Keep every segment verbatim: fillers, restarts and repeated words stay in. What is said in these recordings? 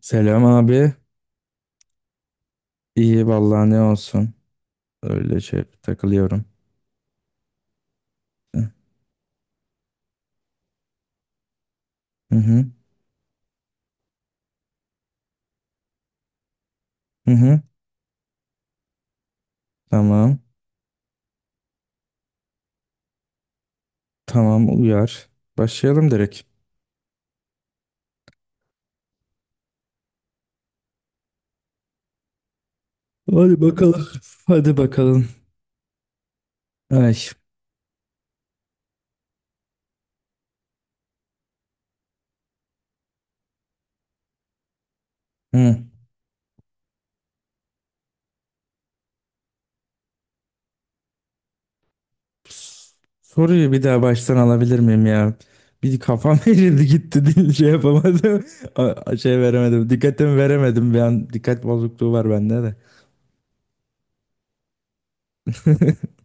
Selam abi. İyi vallahi ne olsun. Öyle şey takılıyorum. Hı hı, hı hı. Tamam. Tamam, uyar. Başlayalım direkt. Hadi bakalım. Hadi bakalım. Ay. Hı. Soruyu bir daha baştan alabilir miyim ya? Bir kafam erirdi gitti değil şey yapamadım. A- Şey veremedim. Dikkatimi veremedim bir an. Dikkat bozukluğu var bende de.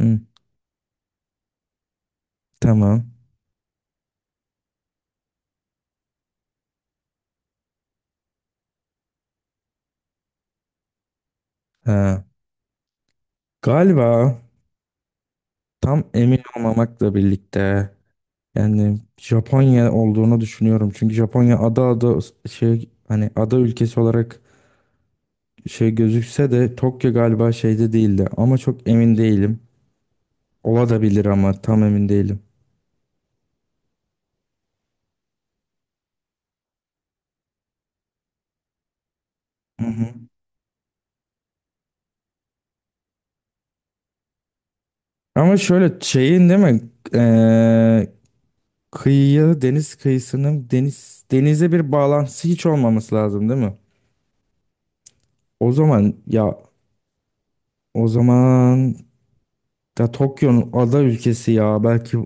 Hı, tamam. Ha. Galiba, tam emin olmamakla birlikte, Yani Japonya olduğunu düşünüyorum. Çünkü Japonya ada ada şey, hani ada ülkesi olarak şey gözükse de Tokyo galiba şeyde değildi. Ama çok emin değilim. Ola da bilir ama tam emin değilim. Hı hı. Ama şöyle şeyin değil mi? Ee, kıyıya deniz kıyısının deniz denize bir bağlantısı hiç olmaması lazım değil mi? O zaman ya o zaman da Tokyo'nun ada ülkesi, ya belki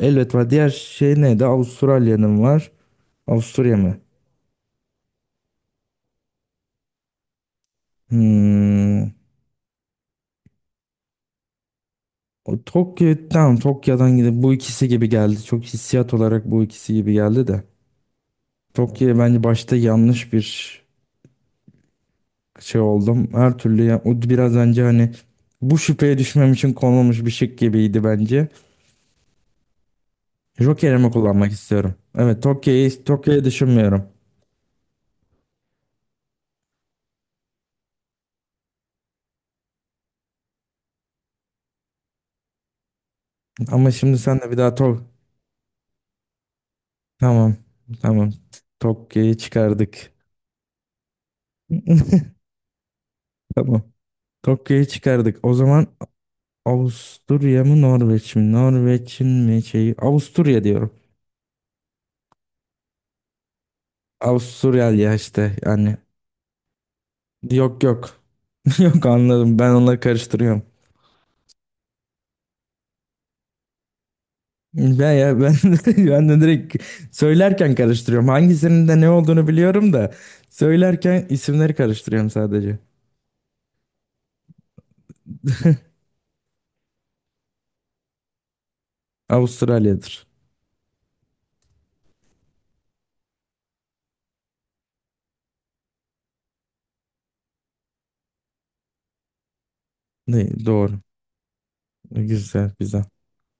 elbet var. Diğer şey ne de Avustralya'nın var. Avusturya mı? Hmm. O Tokyo, tamam, Tokyo'dan gidip bu ikisi gibi geldi. Çok hissiyat olarak bu ikisi gibi geldi de. Tokyo'ya bence başta yanlış bir şey oldum. Her türlü ya, o biraz önce hani bu şüpheye düşmem için konulmuş bir şık gibiydi bence. Joker'imi kullanmak istiyorum. Evet, Tokyo'yu Tokyo'yu düşünmüyorum. Ama şimdi sen de bir daha Tok... Tamam. Tamam. Tokyo'yu çıkardık. Tamam. Tokyo'yu çıkardık. O zaman Avusturya mı Norveç mi? Norveç'in mi şeyi? Avusturya diyorum. Avusturyal ya işte yani. Yok, yok. Yok, anladım. Ben onları karıştırıyorum. Ben ya ben ben de direkt söylerken karıştırıyorum. Hangisinin de ne olduğunu biliyorum da söylerken isimleri karıştırıyorum sadece. Avustralya'dır. Ne, doğru. Güzel, güzel.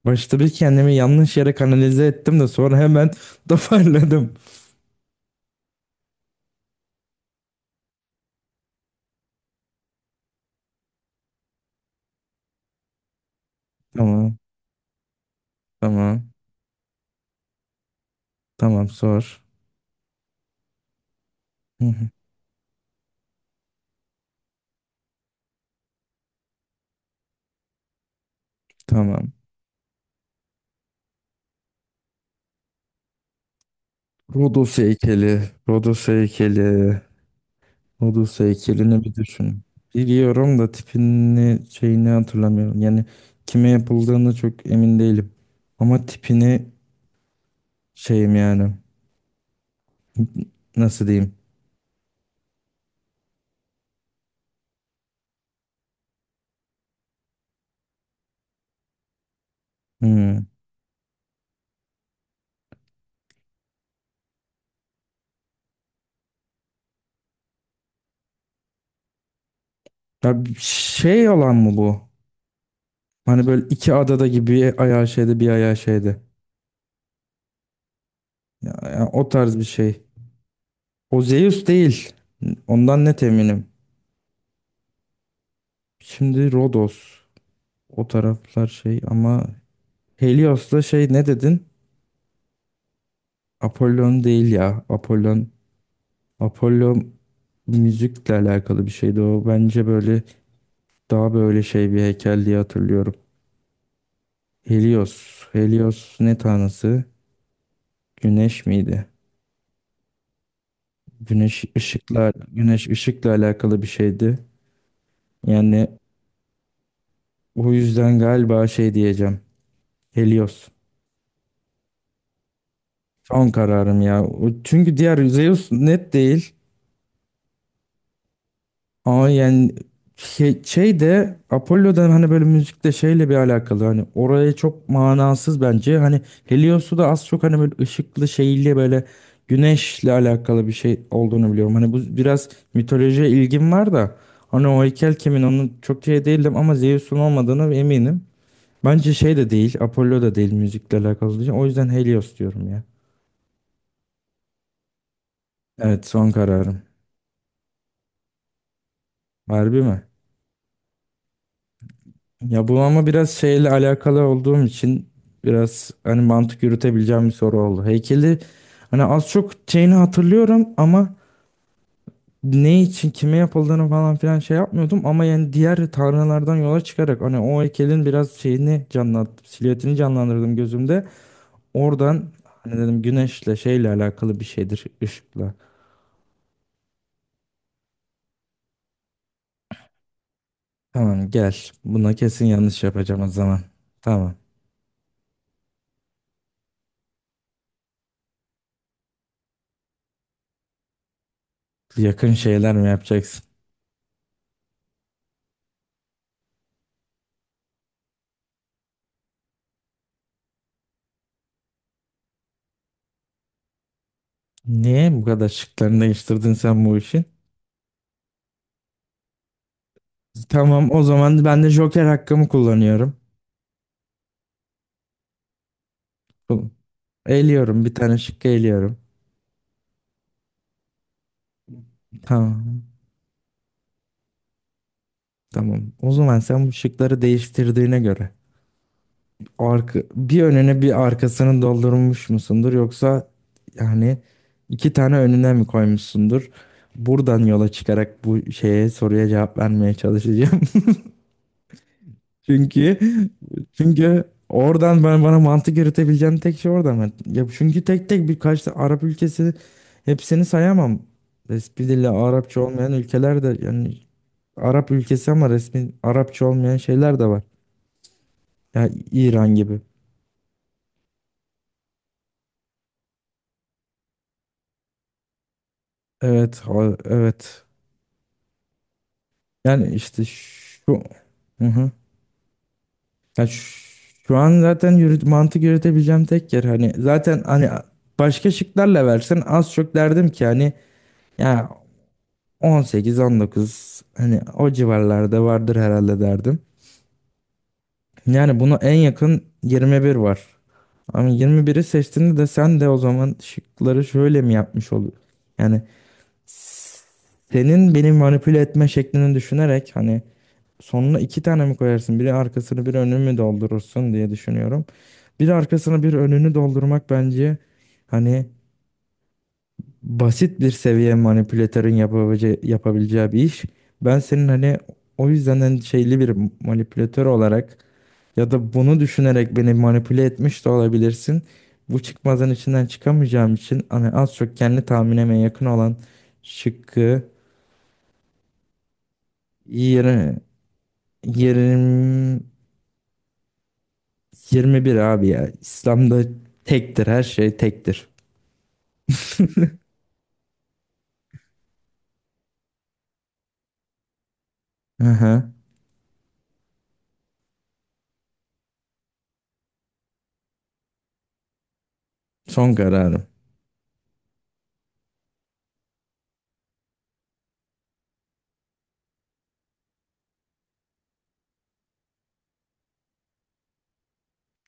Başta bir kendimi yanlış yere kanalize ettim de sonra hemen toparladım. Tamam, tamam, tamam, sor. Hı hı, tamam. Rodos heykeli. Rodos heykeli. Rodos heykelini bir düşün. Biliyorum da tipini şeyini hatırlamıyorum. Yani kime yapıldığını çok emin değilim. Ama tipini şeyim yani. Nasıl diyeyim? Hmm. Ya bir şey olan mı bu? Hani böyle iki adada gibi, bir ayağı şeyde bir ayağı şeyde. Ya, ya o tarz bir şey. O Zeus değil. Ondan net eminim. Şimdi Rodos. O taraflar şey ama Helios'la şey ne dedin? Apollon değil ya. Apollon. Apollo müzikle alakalı bir şeydi o. Bence böyle daha böyle şey bir heykel diye hatırlıyorum. Helios. Helios ne tanrısı? Güneş miydi? Güneş ışıkla güneş ışıkla alakalı bir şeydi. Yani o yüzden galiba şey diyeceğim. Helios. Son kararım ya. O- Çünkü diğer, Zeus net değil. Ama yani şey, şey de Apollo'da hani böyle müzikle şeyle bir alakalı, hani oraya çok manasız bence. Hani Helios'u da az çok hani böyle ışıklı şeyli böyle güneşle alakalı bir şey olduğunu biliyorum. Hani bu biraz mitolojiye ilgim var da hani o heykel kimin, onun çok şey değildim ama Zeus'un olmadığını eminim. Bence şey de değil, Apollo da değil müzikle alakalı. O yüzden Helios diyorum ya. Evet, son kararım. Harbi mi? Ya bu ama biraz şeyle alakalı olduğum için biraz hani mantık yürütebileceğim bir soru oldu. Heykeli hani az çok şeyini hatırlıyorum ama ne için kime yapıldığını falan filan şey yapmıyordum, ama yani diğer tanrılardan yola çıkarak hani o heykelin biraz şeyini canlattım, silüetini canlandırdım gözümde. Oradan hani dedim güneşle şeyle alakalı bir şeydir, ışıkla. Tamam, gel, buna kesin yanlış yapacağım o zaman. Tamam, yakın şeyler mi yapacaksın? Niye bu kadar şıklarını değiştirdin sen bu işin? Tamam, o zaman ben de Joker hakkımı kullanıyorum. Bu- Eğiliyorum, bir tane şıkkı eğiliyorum. Tamam. Tamam. O zaman sen bu şıkları değiştirdiğine göre arka, bir önüne bir arkasını doldurmuş musundur, yoksa yani iki tane önüne mi koymuşsundur? Buradan yola çıkarak bu şeye soruya cevap vermeye çalışacağım. Çünkü çünkü oradan, ben bana mantık yürütebileceğim tek şey oradan. Ben- Ya çünkü tek tek birkaç tane Arap ülkesi, hepsini sayamam. Resmi dili Arapça olmayan ülkeler de yani Arap ülkesi ama resmi Arapça olmayan şeyler de var. Yani İran gibi. Evet, ha- evet. Yani işte şu. Hı hı. Ya şu, şu an zaten yürüt, mantık yürütebileceğim tek yer hani, zaten hani başka şıklarla versen az çok derdim ki hani ya On sekiz, on dokuz, hani o civarlarda vardır herhalde derdim. Yani buna en yakın yirmi bir var. Ama yirmi biri seçtiğinde de sen de o zaman şıkları şöyle mi yapmış oluyor? Yani, s- senin beni manipüle etme şeklini düşünerek hani sonuna iki tane mi koyarsın, biri arkasını bir önünü mü doldurursun diye düşünüyorum. Bir arkasını bir önünü doldurmak bence hani basit bir seviye manipülatörün yapabileceği, yapabileceği bir iş. Ben senin hani, o yüzden hani şeyli bir manipülatör olarak ya da bunu düşünerek beni manipüle etmiş de olabilirsin. Bu çıkmazın içinden çıkamayacağım için hani az çok kendi tahminime yakın olan şıkkı, yirmi yirmi yirmi bir abi ya. İslam'da tektir, her şey tektir. Hı hı. Son kararım.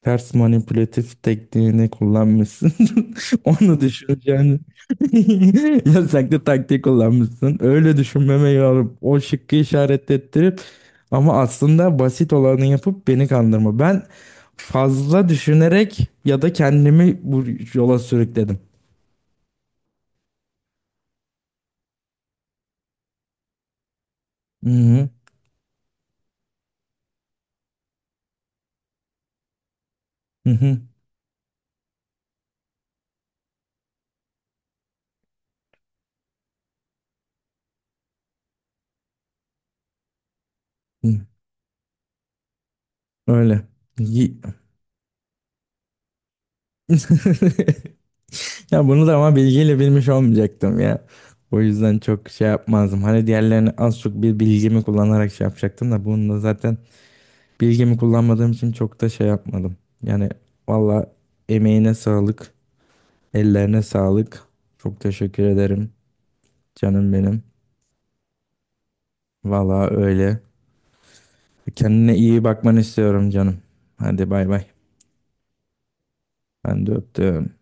Ters manipülatif tekniğini kullanmışsın. Onu düşüneceğini. Yasaklı taktiği kullanmışsın. Öyle düşünmemeyi alıp o şıkkı işaret ettirip ama aslında basit olanı yapıp beni kandırma. Ben fazla düşünerek ya da kendimi bu yola sürükledim. Hı hı. Hı hı. Hı. Öyle. Yi- Ya, bunu da ama bilgiyle bilmiş olmayacaktım ya. O yüzden çok şey yapmazdım. Hani diğerlerini az çok bir bilgimi kullanarak şey yapacaktım da bunu da zaten bilgimi kullanmadığım için çok da şey yapmadım. Yani valla, emeğine sağlık, ellerine sağlık. Çok teşekkür ederim canım benim. Valla öyle. Kendine iyi bakmanı istiyorum canım. Hadi bay bay. Ben de öptüm.